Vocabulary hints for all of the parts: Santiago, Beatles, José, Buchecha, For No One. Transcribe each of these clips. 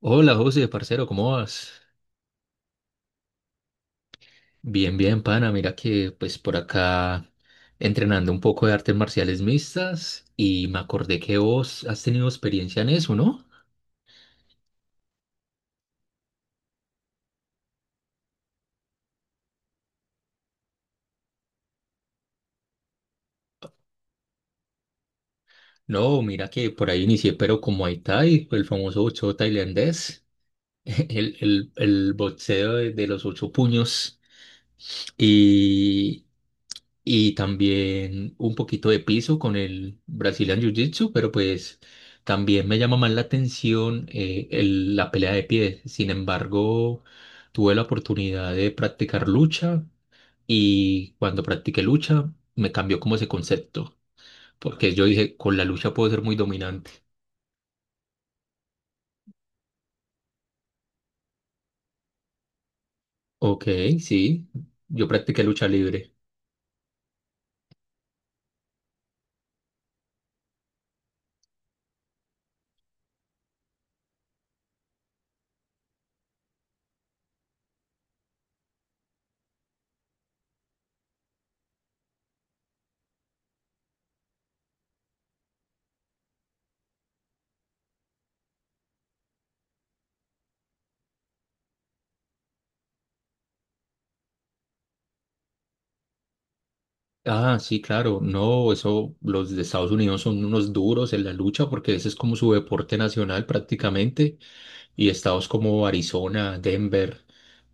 Hola José, parcero, ¿cómo vas? Bien, bien, pana. Mira que pues por acá entrenando un poco de artes marciales mixtas y me acordé que vos has tenido experiencia en eso, ¿no? No, mira que por ahí inicié, pero como Muay Thai, el famoso boxeo tailandés, el boxeo de los ocho puños. Y, y también un poquito de piso con el Brazilian Jiu-Jitsu, pero pues también me llama más la atención el- la pelea de pie. Sin embargo, tuve la oportunidad de practicar lucha y cuando practiqué lucha me cambió como ese concepto, porque yo dije, con la lucha puedo ser muy dominante. Ok, sí, yo practiqué lucha libre. Ah, sí, claro. No, eso, los de Estados Unidos son unos duros en la lucha porque ese es como su deporte nacional prácticamente. Y estados como Arizona, Denver,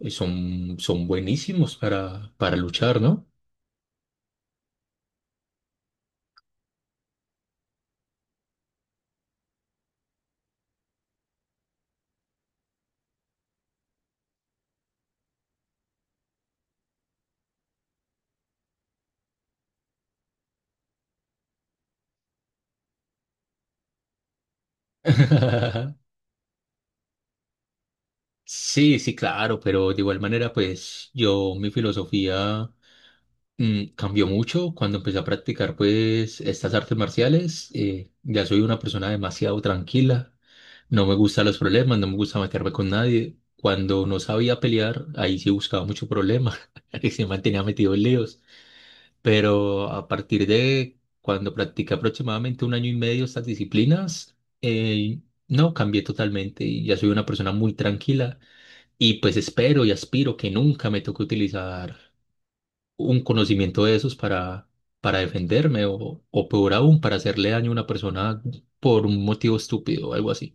son, son buenísimos para luchar, ¿no? Sí, sí, claro, pero de igual manera, pues yo, mi filosofía. Cambió mucho cuando empecé a practicar pues estas artes marciales. Ya soy una persona demasiado tranquila. No me gustan los problemas, no me gusta meterme con nadie. Cuando no sabía pelear, ahí sí buscaba mucho problema. Y se mantenía metido en líos. Pero a partir de cuando practiqué aproximadamente un año y medio estas disciplinas, eh, no, cambié totalmente y ya soy una persona muy tranquila. Y pues espero y aspiro que nunca me toque utilizar un conocimiento de esos para defenderme o peor aún, para hacerle daño a una persona por un motivo estúpido o algo así.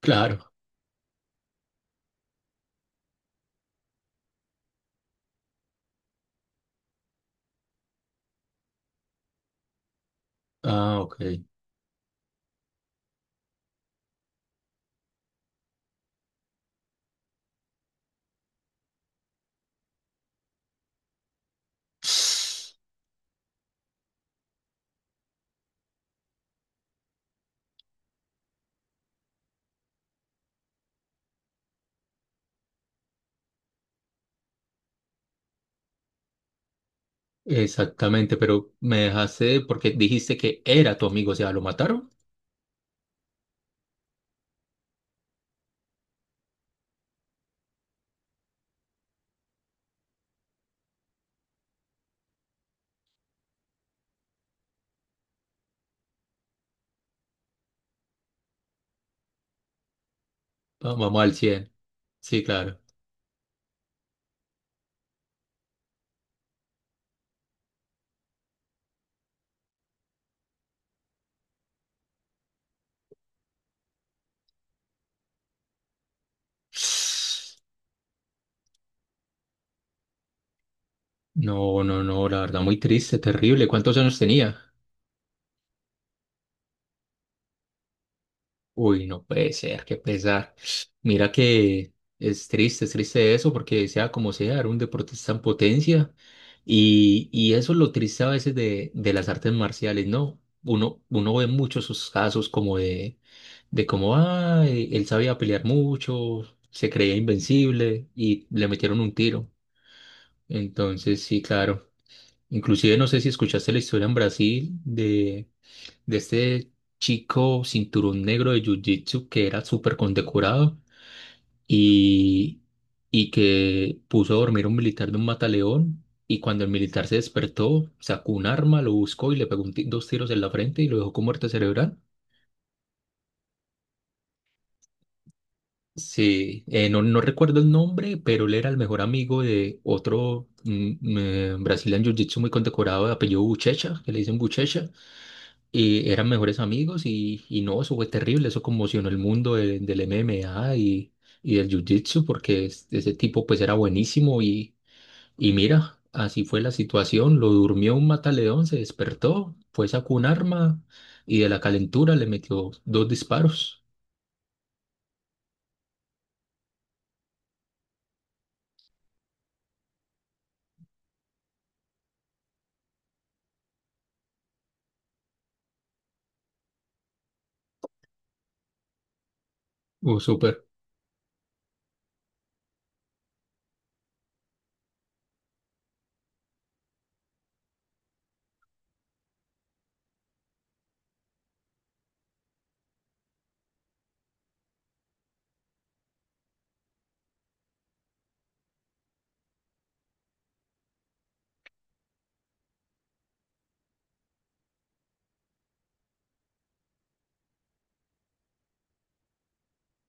Claro. Ah, ok. Exactamente, pero me dejaste porque dijiste que era tu amigo, o sea, ¿lo mataron? Va- Vamos al cien. Sí, claro. No, no, no, la verdad, muy triste, terrible. ¿Cuántos años tenía? Uy, no puede ser, qué pesar. Mira que es triste eso, porque sea como sea, era un deportista en potencia. Y eso es lo triste a veces de las artes marciales, ¿no? Uno, uno ve muchos esos casos como de cómo, ah, e- él sabía pelear mucho, se creía invencible y le metieron un tiro. Entonces, sí, claro. Inclusive no sé si escuchaste la historia en Brasil de este chico cinturón negro de Jiu-Jitsu que era súper condecorado y, y que puso a dormir a un militar de un mataleón y cuando el militar se despertó sacó un arma, lo buscó y le pegó un ti- dos tiros en la frente y lo dejó con muerte cerebral. Sí, no, no recuerdo el nombre, pero él era el mejor amigo de otro brasileño en Jiu-Jitsu muy condecorado de apellido Buchecha, que le dicen Buchecha. Y eran mejores amigos y no, eso fue terrible, eso conmocionó el mundo de- del MMA y del Jiu-Jitsu porque es- ese tipo pues era buenísimo y mira, así fue la situación, lo durmió un mataleón, se despertó, fue, sacó un arma y de la calentura le metió dos disparos. Súper,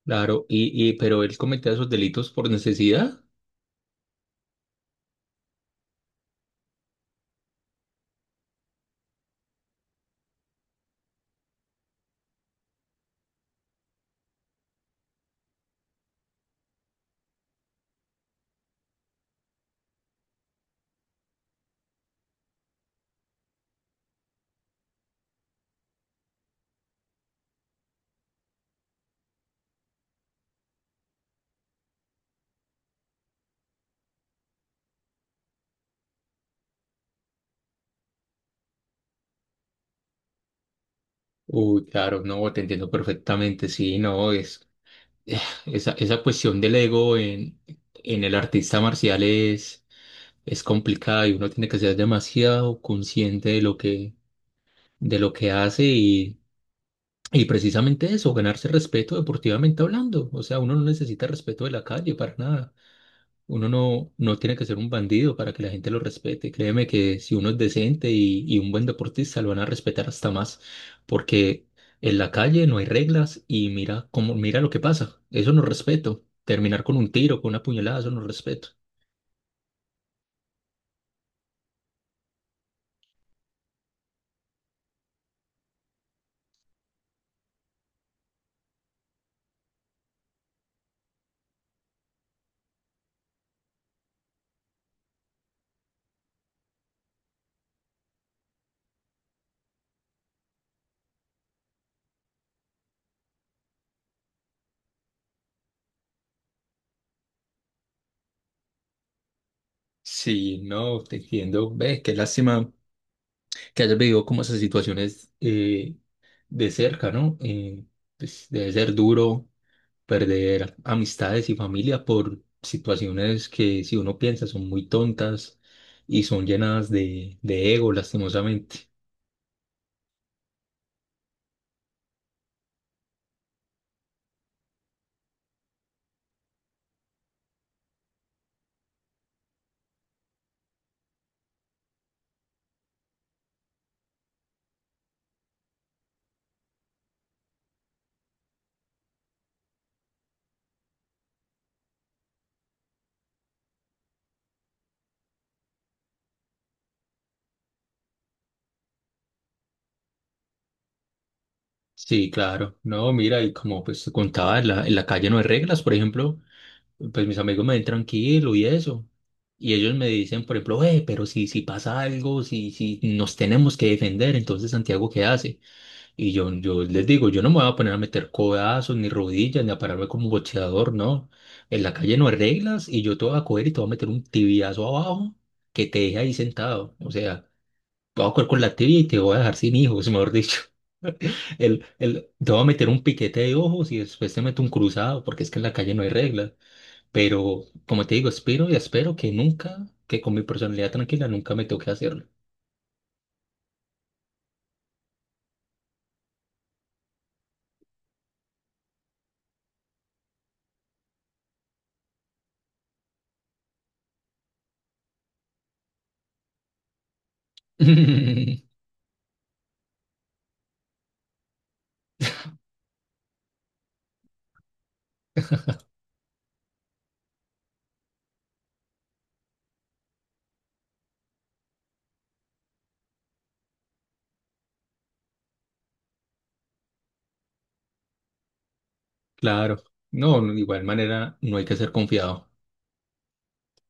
claro, pero él cometía esos delitos por necesidad. Uy, claro, no, te entiendo perfectamente, sí, no, es... eh, esa, esa cuestión del ego en el artista marcial es complicada y uno tiene que ser demasiado consciente de lo que hace y precisamente eso, ganarse respeto deportivamente hablando. O sea, uno no necesita respeto de la calle para nada. Uno no, no tiene que ser un bandido para que la gente lo respete. Créeme que si uno es decente y un buen deportista, lo van a respetar hasta más, porque en la calle no hay reglas y mira cómo, mira lo que pasa. Eso no es respeto. Terminar con un tiro, con una puñalada, eso no es respeto. Sí, no, te entiendo. Ve, qué lástima que hayas vivido como esas situaciones de cerca, ¿no? Pues debe ser duro perder amistades y familia por situaciones que si uno piensa son muy tontas y son llenadas de ego, lastimosamente. Sí, claro. No, mira, y como pues te contaba, en la calle no hay reglas, por ejemplo, pues mis amigos me ven tranquilo y eso. Y ellos me dicen, por ejemplo, pero si, si pasa algo, si, si nos tenemos que defender, entonces Santiago, ¿qué hace? Y yo les digo, yo no me voy a poner a meter codazos, ni rodillas, ni a pararme como boxeador, no. En la calle no hay reglas y yo te voy a coger y te voy a meter un tibiazo abajo que te deje ahí sentado. O sea, te voy a coger con la tibia y te voy a dejar sin hijos, mejor dicho. Te voy a meter un piquete de ojos y después te meto un cruzado, porque es que en la calle no hay reglas. Pero, como te digo, espero y espero que nunca, que con mi personalidad tranquila, nunca me toque hacerlo. Claro. No, no, de igual manera no hay que ser confiado.